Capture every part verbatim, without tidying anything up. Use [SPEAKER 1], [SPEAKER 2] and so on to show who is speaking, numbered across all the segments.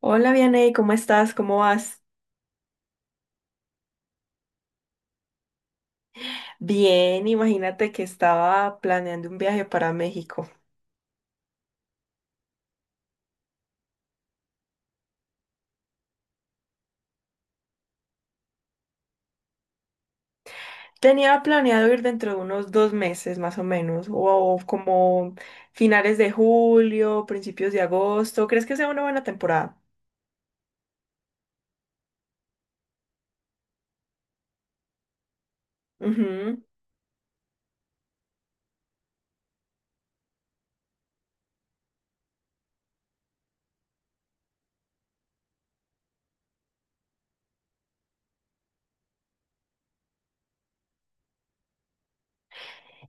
[SPEAKER 1] Hola, Vianey, ¿cómo estás? ¿Cómo vas? Bien, imagínate que estaba planeando un viaje para México. Tenía planeado ir dentro de unos dos meses más o menos, o como finales de julio, principios de agosto. ¿Crees que sea una buena temporada? Ujú.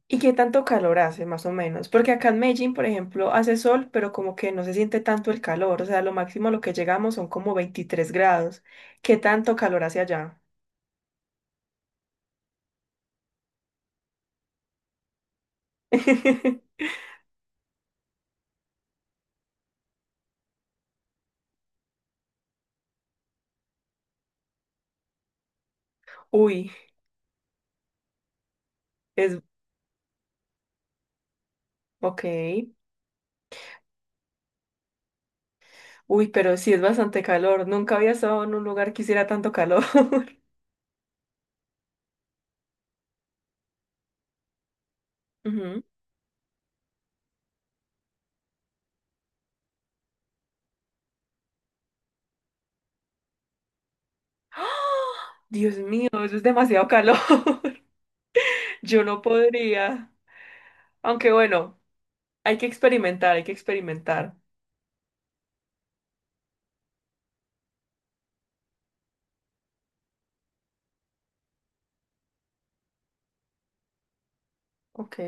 [SPEAKER 1] ¿Y qué tanto calor hace más o menos? Porque acá en Medellín, por ejemplo, hace sol, pero como que no se siente tanto el calor. O sea, lo máximo a lo que llegamos son como veintitrés grados. ¿Qué tanto calor hace allá? Uy, es ok. Uy, pero sí es bastante calor. Nunca había estado en un lugar que hiciera tanto calor. Ujú. ¡Ah! Dios mío, eso es demasiado calor. Yo no podría. Aunque bueno, hay que experimentar, hay que experimentar. Ok.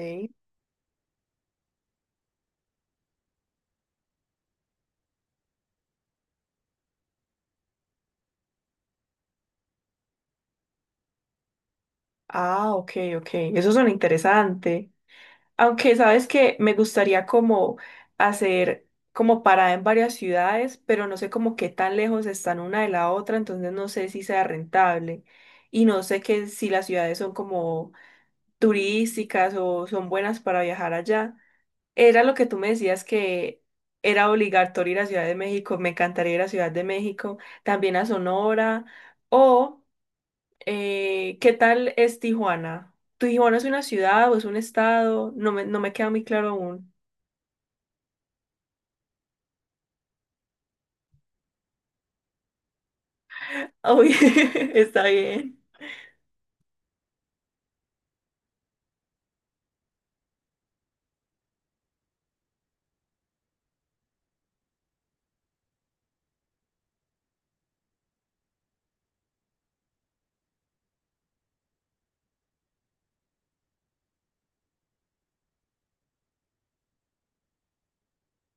[SPEAKER 1] Ah, ok, ok. Eso suena interesante. Aunque sabes que me gustaría como hacer como parada en varias ciudades, pero no sé como qué tan lejos están una de la otra, entonces no sé si sea rentable. Y no sé que si las ciudades son como turísticas o son buenas para viajar allá. Era lo que tú me decías que era obligatorio ir a Ciudad de México, me encantaría ir a Ciudad de México, también a Sonora, o eh, ¿qué tal es Tijuana? ¿Tijuana es una ciudad o es un estado? No me, no me queda muy claro aún. Uy, está bien.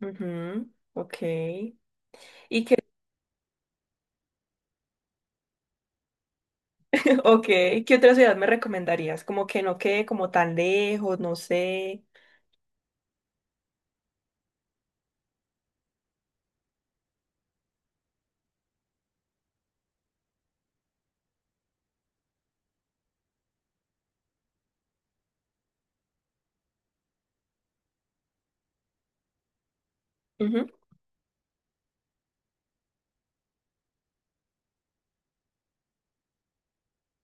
[SPEAKER 1] Ujú. Ok, ok. ¿Qué otra ciudad me recomendarías? Como que no quede como tan lejos, no sé. Ujú.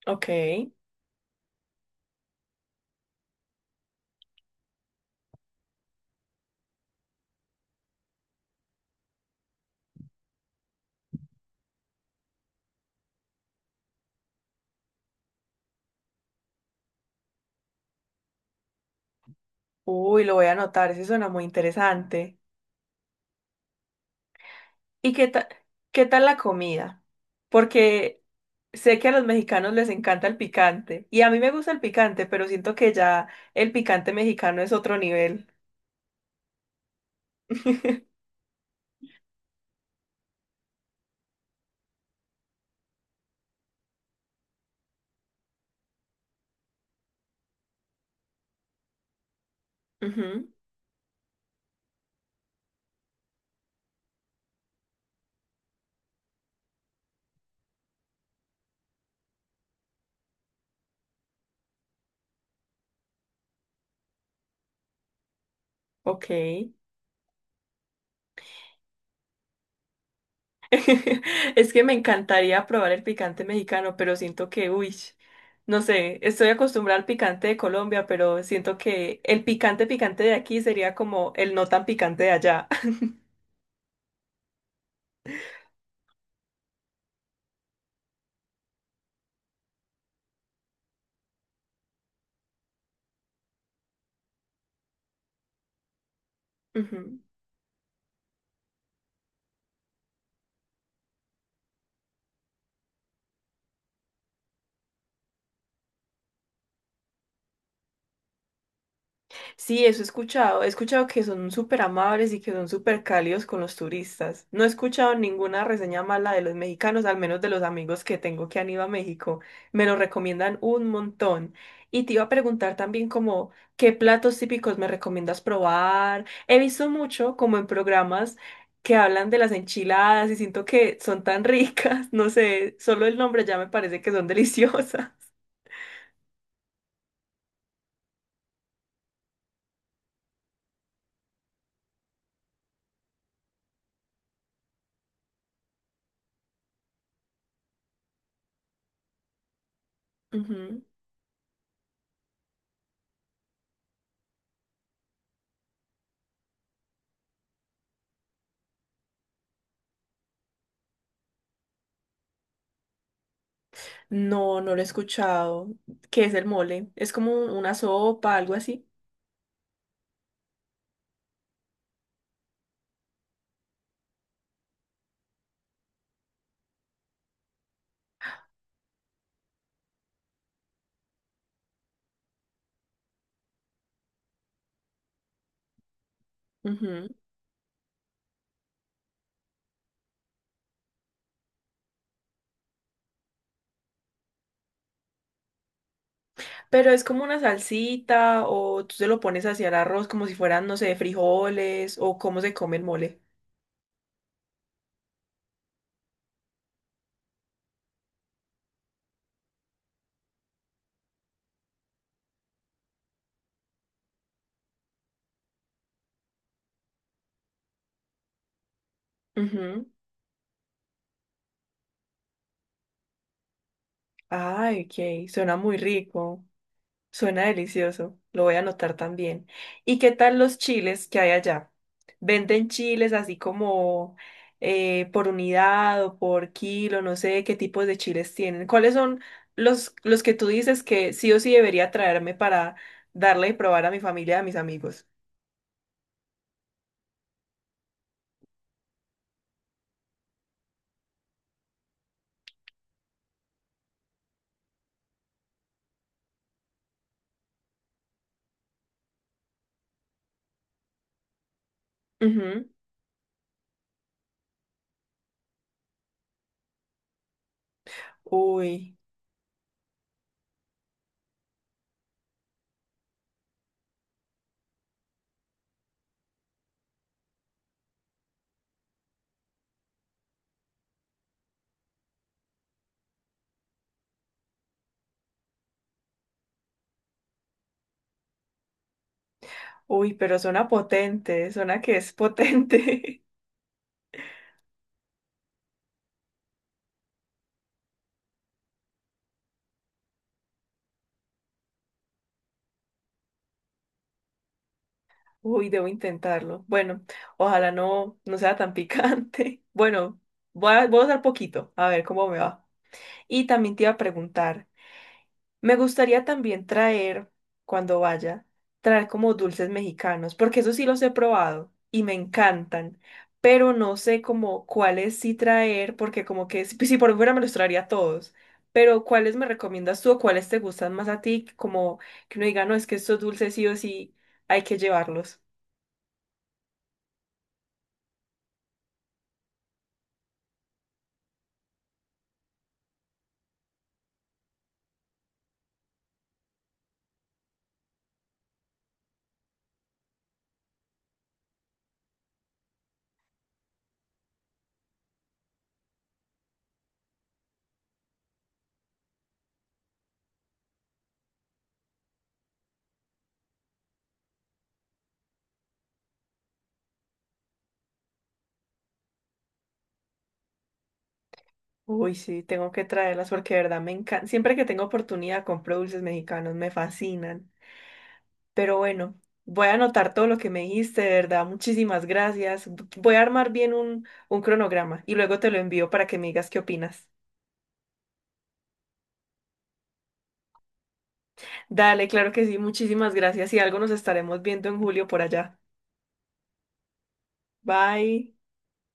[SPEAKER 1] Ok. Uy, lo voy a anotar, ese suena muy interesante. ¿Y qué tal, qué tal la comida? Porque sé que a los mexicanos les encanta el picante y a mí me gusta el picante, pero siento que ya el picante mexicano es otro nivel. Ujú. Ok. Es que me encantaría probar el picante mexicano, pero siento que, uy, no sé, estoy acostumbrada al picante de Colombia, pero siento que el picante picante de aquí sería como el no tan picante de allá. Ujú. Sí, eso he escuchado. He escuchado que son súper amables y que son súper cálidos con los turistas. No he escuchado ninguna reseña mala de los mexicanos, al menos de los amigos que tengo que han ido a México. Me lo recomiendan un montón. Y te iba a preguntar también como, ¿qué platos típicos me recomiendas probar? He visto mucho como en programas que hablan de las enchiladas y siento que son tan ricas. No sé, solo el nombre ya me parece que son deliciosas. No, no lo he escuchado. ¿Qué es el mole? Es como un- una sopa, algo así. Ujú. Pero es como una salsita o tú se lo pones hacia el arroz como si fueran, no sé, frijoles o cómo se come el mole. Ujú. Ay, ok, suena muy rico. Suena delicioso, lo voy a anotar también. ¿Y qué tal los chiles que hay allá? ¿Venden chiles así como eh, por unidad o por kilo? No sé qué tipos de chiles tienen. ¿Cuáles son los, los que tú dices que sí o sí debería traerme para darle y probar a mi familia y a mis amigos? Ujú. Uy, uy, pero suena potente, suena que es potente. Uy, debo intentarlo. Bueno, ojalá no, no sea tan picante. Bueno, voy a, voy a usar poquito, a ver cómo me va. Y también te iba a preguntar, me gustaría también traer, cuando vaya, traer como dulces mexicanos, porque eso sí los he probado y me encantan, pero no sé como cuáles sí traer, porque como que si, si por fuera me los traería todos. Pero ¿cuáles me recomiendas tú o cuáles te gustan más a ti? Como que uno diga, no, es que estos dulces sí o sí hay que llevarlos. Uy, sí, tengo que traerlas porque de verdad me encanta. Siempre que tengo oportunidad compro dulces mexicanos, me fascinan. Pero bueno, voy a anotar todo lo que me dijiste, de verdad, muchísimas gracias. Voy a armar bien un, un cronograma y luego te lo envío para que me digas qué opinas. Dale, claro que sí, muchísimas gracias y algo nos estaremos viendo en julio por allá. Bye.